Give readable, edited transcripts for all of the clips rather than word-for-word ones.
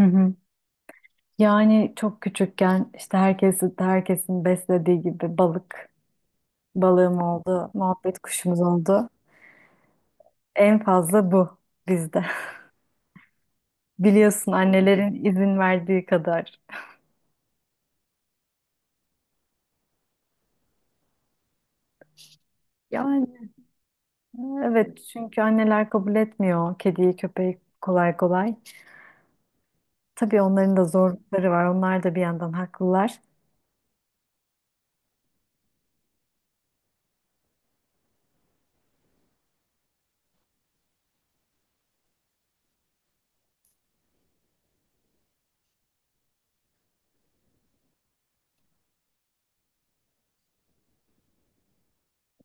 Hı hı. Yani çok küçükken işte herkesin beslediği gibi balık, balığım oldu, muhabbet kuşumuz oldu. En fazla bu bizde. Biliyorsun annelerin izin verdiği kadar. Yani Evet, çünkü anneler kabul etmiyor kediyi, köpeği kolay kolay. Tabii onların da zorlukları var. Onlar da bir yandan haklılar.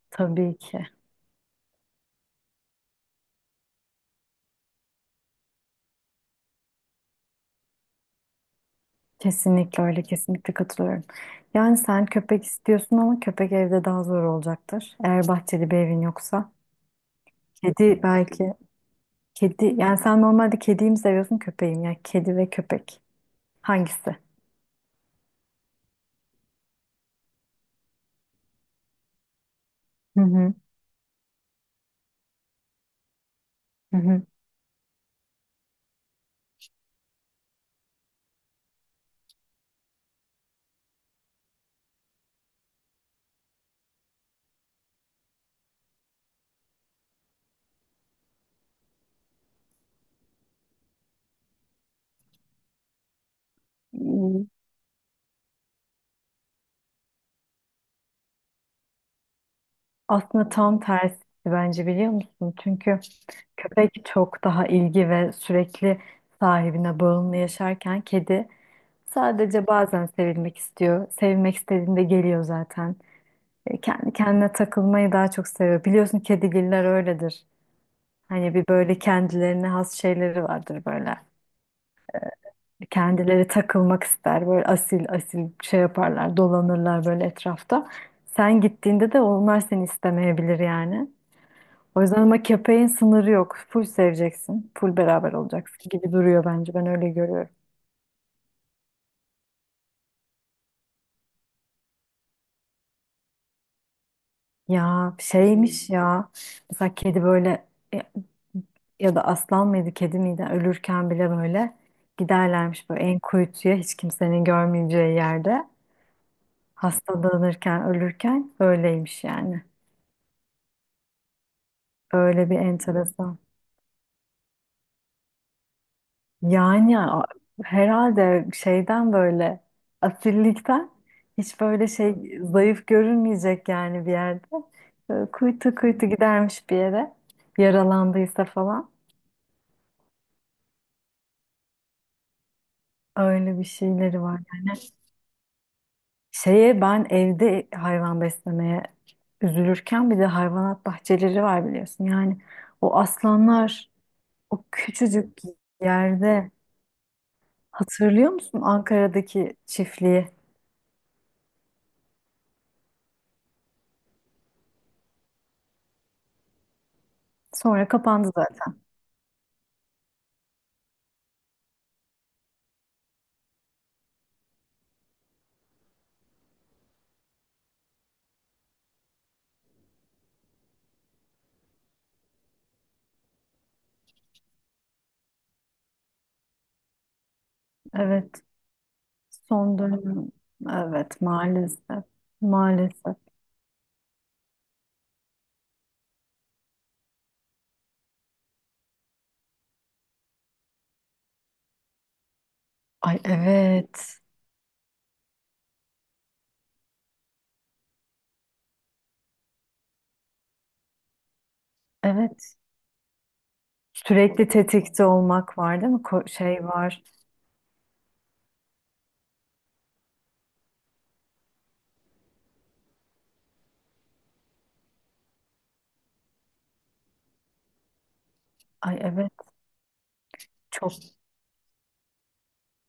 Tabii ki. Kesinlikle öyle, kesinlikle katılıyorum. Yani sen köpek istiyorsun ama köpek evde daha zor olacaktır. Eğer bahçeli bir evin yoksa. Kedi belki. Kedi, yani sen normalde kediyi mi seviyorsun, köpeği mi? Yani kedi ve köpek. Hangisi? Hı hı, hı hı. Hmm. Aslında tam tersi bence biliyor musun? Çünkü köpek çok daha ilgi ve sürekli sahibine bağımlı yaşarken kedi sadece bazen sevilmek istiyor. Sevilmek istediğinde geliyor zaten. Kendi kendine takılmayı daha çok seviyor. Biliyorsun kedigiller öyledir. Hani bir böyle kendilerine has şeyleri vardır böyle. Kendileri takılmak ister. Böyle asil asil şey yaparlar, dolanırlar böyle etrafta. Sen gittiğinde de onlar seni istemeyebilir yani. O yüzden ama köpeğin sınırı yok. Full seveceksin. Full beraber olacaksın gibi duruyor bence. Ben öyle görüyorum. Ya şeymiş ya. Mesela kedi böyle ya ya da aslan mıydı kedi miydi ölürken bile böyle giderlermiş böyle en kuytuya hiç kimsenin görmeyeceği yerde. Hastalanırken ölürken öyleymiş yani. Öyle bir enteresan. Yani a- Herhalde şeyden böyle asillikten hiç böyle şey zayıf görünmeyecek yani bir yerde. Böyle kuytu kuytu gidermiş bir yere yaralandıysa falan. Öyle bir şeyleri var yani. Şeye ben evde hayvan beslemeye üzülürken bir de hayvanat bahçeleri var biliyorsun. Yani o aslanlar o küçücük yerde hatırlıyor musun Ankara'daki çiftliği? Sonra kapandı zaten. Evet. Son dönem. Evet maalesef. Maalesef. Ay evet. Evet. Sürekli tetikte olmak var değil mi? Şey var. Ay evet, çok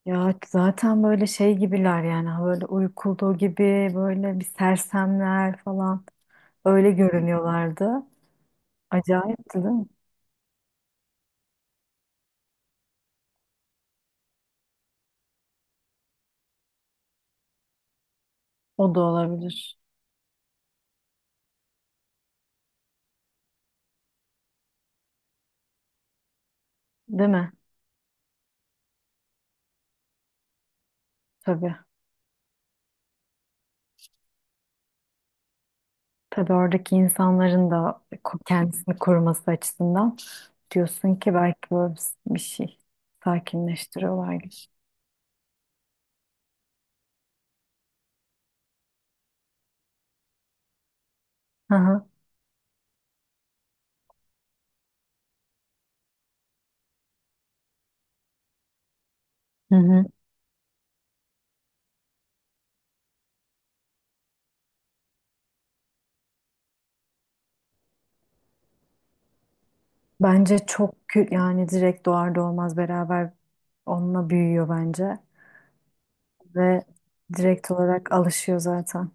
ya zaten böyle şey gibiler yani, ha böyle uykulduğu gibi böyle bir sersemler falan öyle görünüyorlardı. Acayipti değil mi? O da olabilir. Değil mi? Tabii. Tabii oradaki insanların da kendisini koruması açısından. Diyorsun ki belki böyle bir şey sakinleştiriyorlardır. Hı hı. Hı hı. Bence yani direkt doğar doğmaz beraber onunla büyüyor bence ve direkt olarak alışıyor zaten.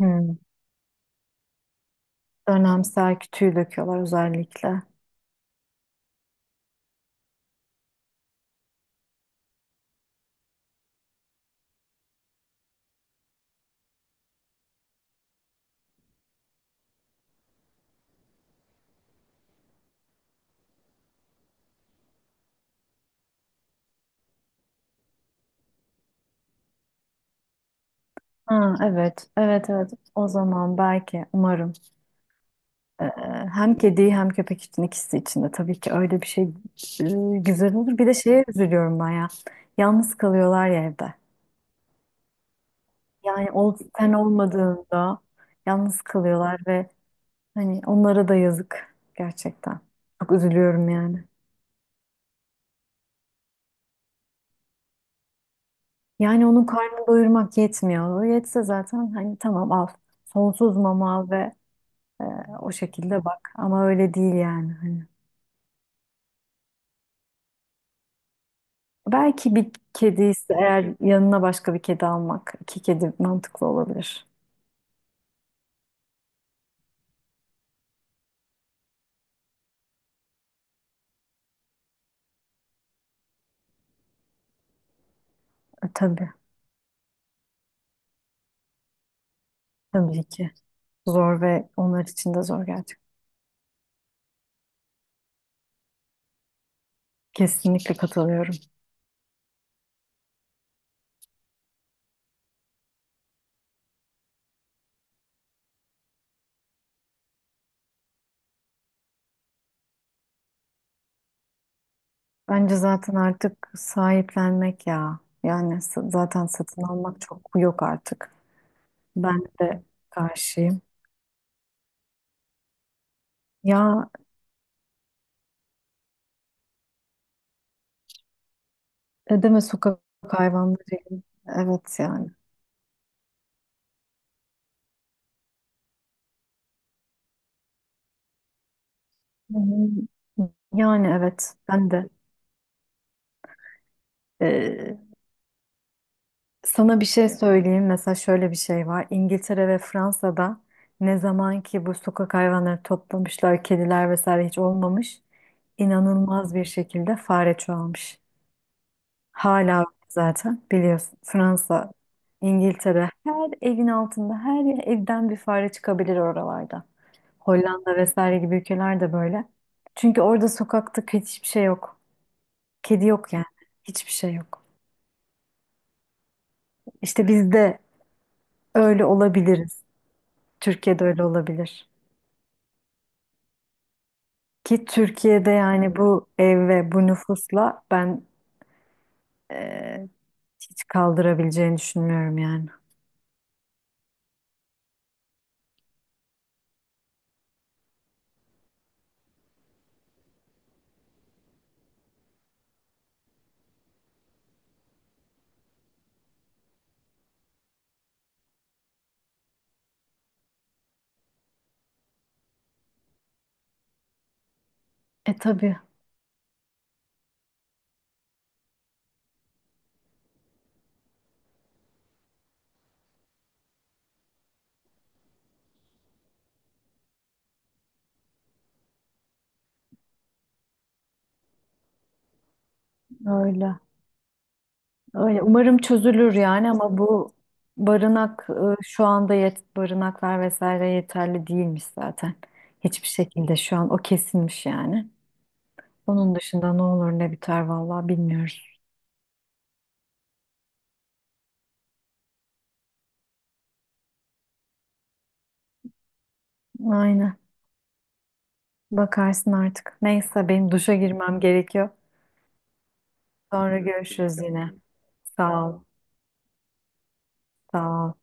Hı. Dönemsel kütüğü döküyorlar özellikle. Ha, evet, evet, evet. O zaman belki, umarım e, hem kedi hem köpek için ikisi için de tabii ki öyle bir şey güzel olur. Bir de şeye üzülüyorum ben ya. Yalnız kalıyorlar ya evde. Sen olmadığında yalnız kalıyorlar ve hani onlara da yazık gerçekten. Çok üzülüyorum yani. Yani onun karnını doyurmak yetmiyor. O yetse zaten hani tamam al. Sonsuz mama al ve e, o şekilde bak. Ama öyle değil yani hani. Belki bir kedi ise eğer yanına başka bir kedi almak, iki kedi mantıklı olabilir. E, tabii, tabii ki. Zor ve onlar için de zor gerçekten. Kesinlikle katılıyorum. Bence zaten artık sahiplenmek ya. Zaten satın almak çok yok artık. Ben de karşıyım. Ya ne deme Sokak hayvanlarıyım. Evet yani. Hı hı. Yani evet ben de. Ee, Sana bir şey söyleyeyim. Mesela şöyle bir şey var. İngiltere ve Fransa'da ne zaman ki bu sokak hayvanları toplamışlar, kediler vesaire hiç olmamış. İnanılmaz bir şekilde fare çoğalmış. Hala zaten biliyorsun Fransa, İngiltere her evin altında her evden bir fare çıkabilir oralarda. Hollanda vesaire gibi ülkeler de böyle. Çünkü orada sokakta kötü hiçbir şey yok. Kedi yok yani. Hiçbir şey yok. İşte biz de öyle olabiliriz. Türkiye'de öyle olabilir. Ki Türkiye'de yani bu ev ve bu nüfusla ben eee, hiç kaldırabileceğini düşünmüyorum yani. E tabii öyle. Öyle, umarım çözülür yani ama bu barınak şu anda yet barınaklar vesaire yeterli değilmiş zaten. Hiçbir şekilde şu an o kesilmiş yani. Onun dışında ne olur ne biter vallahi bilmiyoruz. Aynen. Bakarsın artık. Neyse benim duşa girmem gerekiyor. Sonra görüşürüz yine. Sağ ol. Sağ ol.